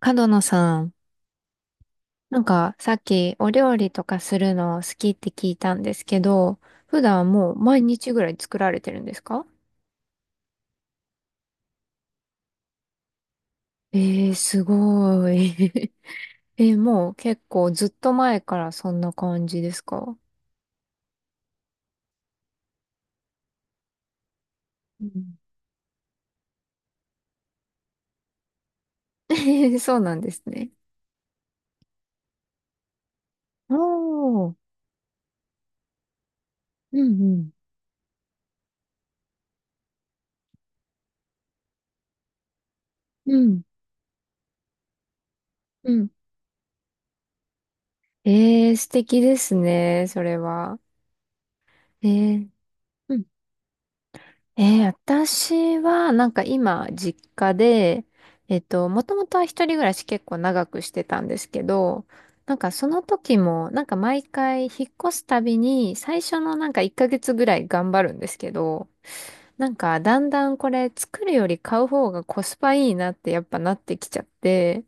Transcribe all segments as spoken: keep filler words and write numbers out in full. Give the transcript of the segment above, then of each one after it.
角野さん、なんかさっきお料理とかするの好きって聞いたんですけど、普段もう毎日ぐらい作られてるんですか？えー、すごい。えー、もう結構ずっと前からそんな感じですか？うん。 そうなんですね。おー、うんうん、うん、うん。えー、素敵ですね、それは。えー、うん。えー、私は、なんか今、実家で、えっと、もともとは一人暮らし結構長くしてたんですけど、なんかその時も、なんか毎回引っ越すたびに、最初のなんかいっかげつぐらい頑張るんですけど、なんかだんだんこれ作るより買う方がコスパいいなってやっぱなってきちゃって、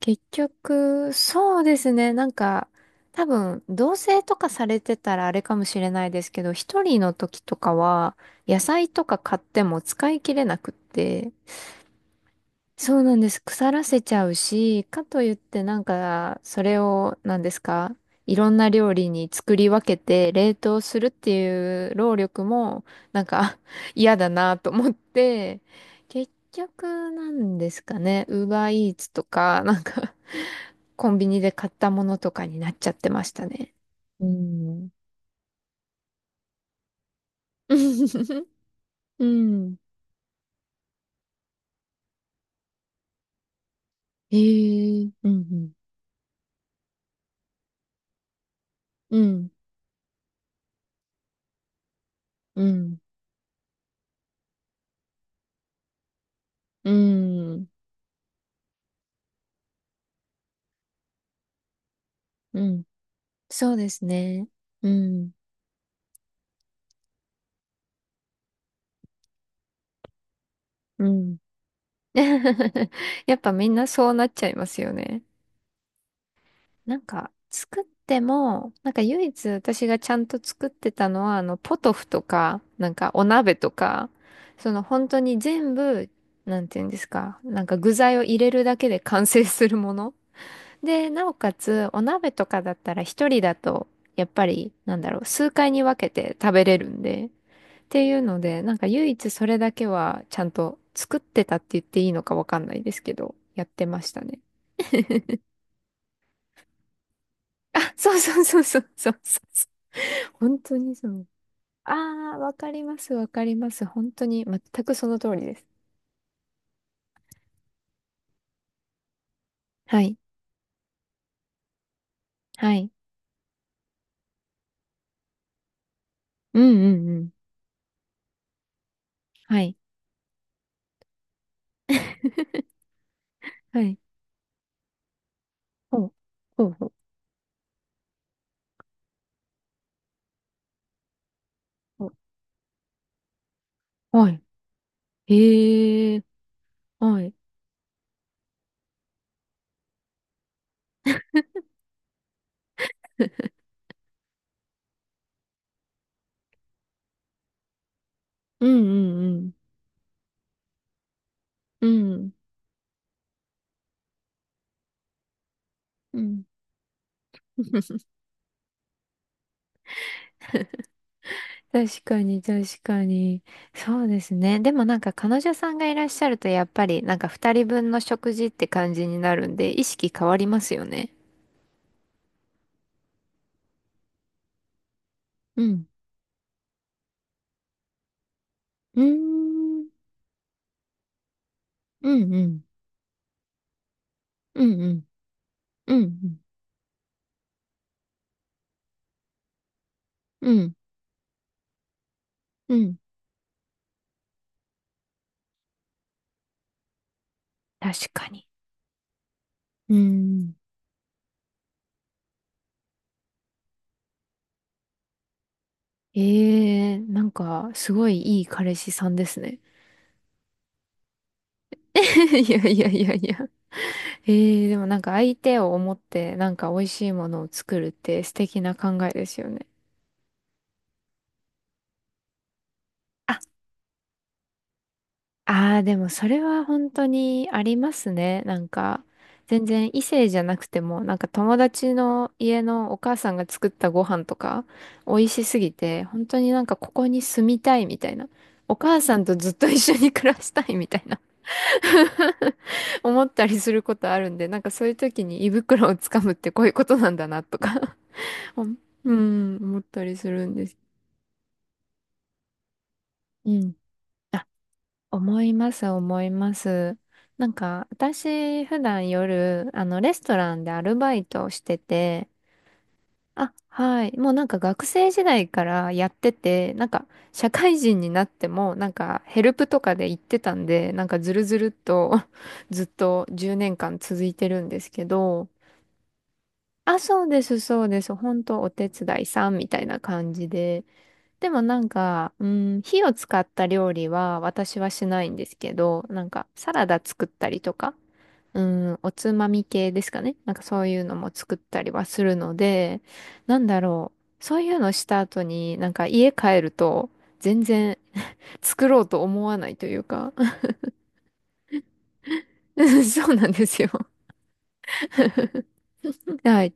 結局、そうですね。なんか、多分、同棲とかされてたらあれかもしれないですけど、一人の時とかは、野菜とか買っても使い切れなくって、そうなんです。腐らせちゃうし、かといってなんか、それを、なんですか、いろんな料理に作り分けて冷凍するっていう労力も、なんか 嫌だなと思って、結局なんですかね、ウーバーイーツとか、なんかコンビニで買ったものとかになっちゃってましたね。うん。うん。ええ、うん、うん。うん。うん。うん。うん。そうですね。うん。うん。やっぱみんなそうなっちゃいますよね。なんか、作っても、なんか唯一私がちゃんと作ってたのは、あの、ポトフとか、なんかお鍋とか、その本当に全部、なんていうんですか、なんか具材を入れるだけで完成するもの。で、なおかつ、お鍋とかだったら一人だと、やっぱり、なんだろう、数回に分けて食べれるんで、っていうので、なんか唯一それだけはちゃんと作ってたって言っていいのかわかんないですけど、やってましたね。そうそうそうそうそうそうそう。本当にそう。ああ、わかります、わかります。本当に全くその通りです。はい。はい。うんうんうん。はい。はい。ほう。ほう。ほうほう。はい。へえ。はい。うんうんうん。うん。うん。確かに、確かに。そうですね。でもなんか彼女さんがいらっしゃるとやっぱりなんか二人分の食事って感じになるんで意識変わりますよね。うん。うーん。うんうん。うんうん。うんうん。うんうん。確かに。うーん。ええー、なんかすごいいい彼氏さんですね。いやいやいやいや。えー、でもなんか相手を思ってなんか美味しいものを作るって素敵な考えですよね。ああ、でもそれは本当にありますね。なんか、全然異性じゃなくても、なんか友達の家のお母さんが作ったご飯とか、美味しすぎて、本当になんかここに住みたいみたいな。お母さんとずっと一緒に暮らしたいみたいな 思ったりすることあるんで、なんかそういう時に胃袋をつかむってこういうことなんだなとか。 うん、思ったりするんです。うん。思います、思います。なんか、私、普段夜、あの、レストランでアルバイトをしてて、あ、はい。もうなんか学生時代からやってて、なんか、社会人になっても、なんか、ヘルプとかで行ってたんで、なんか、ずるずるっと ずっとじゅうねんかん続いてるんですけど、あ、そうです、そうです。本当お手伝いさんみたいな感じで。でもなんか、うん、火を使った料理は私はしないんですけど、なんかサラダ作ったりとか、うん、おつまみ系ですかね。なんかそういうのも作ったりはするので、なんだろう。そういうのした後になんか家帰ると全然 作ろうと思わないというか。 そうなんですよ。はい。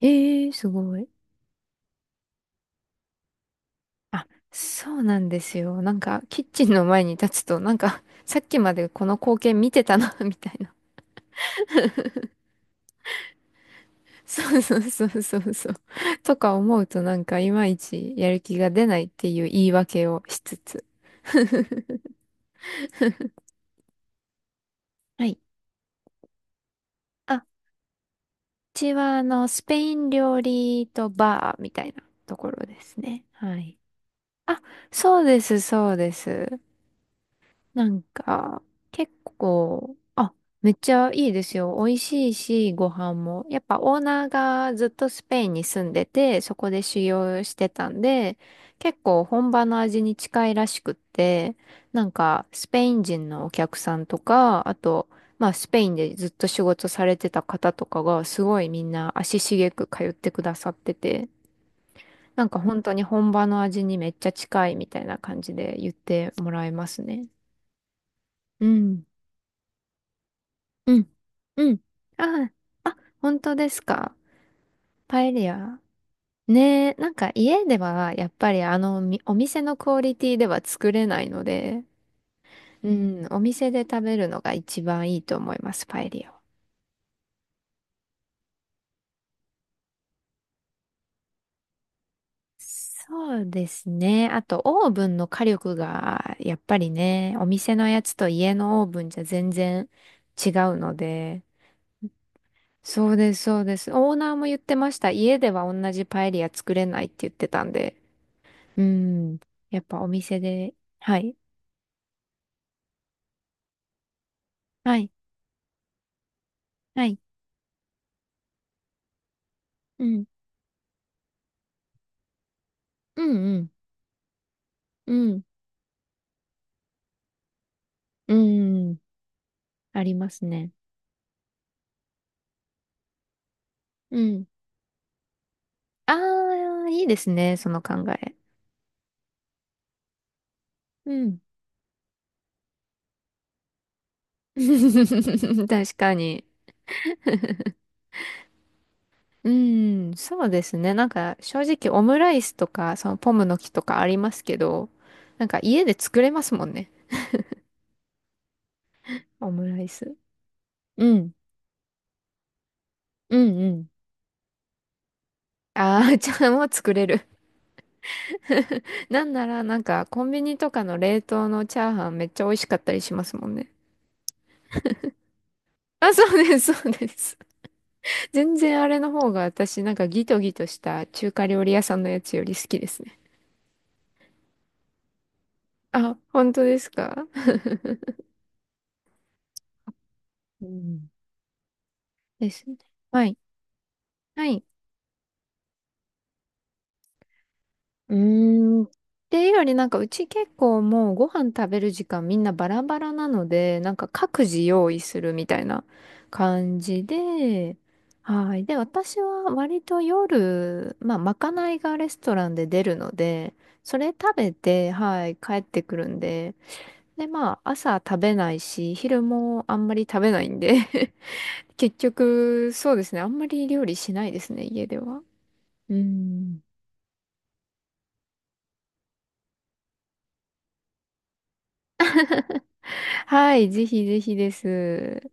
ええー、すごい。あ、そうなんですよ。なんかキッチンの前に立つとなんかさっきまでこの光景見てたな みたいな。そうそうそうそうそう。とか思うとなんかいまいちやる気が出ないっていう言い訳をしつつ。はい。あ、うちはあの、スペイン料理とバーみたいなところですね。はい。あ、そうです、そうです。なんか、結構、あ、めっちゃいいですよ。美味しいし、ご飯も。やっぱオーナーがずっとスペインに住んでて、そこで修行してたんで、結構本場の味に近いらしくって、なんか、スペイン人のお客さんとか、あと、まあ、スペインでずっと仕事されてた方とかが、すごいみんな足しげく通ってくださってて、なんか本当に本場の味にめっちゃ近いみたいな感じで言ってもらえますね。うん。うん。うん。ああ、あ、本当ですか？パエリア。ねえ、なんか家ではやっぱりあのみお店のクオリティでは作れないので、うん、お店で食べるのが一番いいと思います、パエリアは。そうですね。あとオーブンの火力がやっぱりね、お店のやつと家のオーブンじゃ全然違うので、そうです、そうです。オーナーも言ってました。家では同じパエリア作れないって言ってたんで。うん。やっぱお店で、はい。はい。はい。うん。うん。うん。うん。うん。ありますね。うん。ああ、いいですね。その考え。うん。確かに。うん。そうですね。なんか、正直オムライスとか、そのポムの木とかありますけど、なんか家で作れますもんね。オムライス。うん。うんうん。ああ、じゃあもう作れる。なんなら、なんか、コンビニとかの冷凍のチャーハンめっちゃ美味しかったりしますもんね。あ、そうです、そうです。全然あれの方が私、なんかギトギトした中華料理屋さんのやつより好きですね。あ、本当ですか？うん。ですね。はい。はい。うーん。っていうよりなんかうち結構もうご飯食べる時間みんなバラバラなので、なんか各自用意するみたいな感じで、はい。で、私は割と夜、まあ、まかないがレストランで出るので、それ食べて、はい、帰ってくるんで、で、まあ、朝食べないし、昼もあんまり食べないんで 結局、そうですね、あんまり料理しないですね、家では。うん。はい、ぜひぜひです。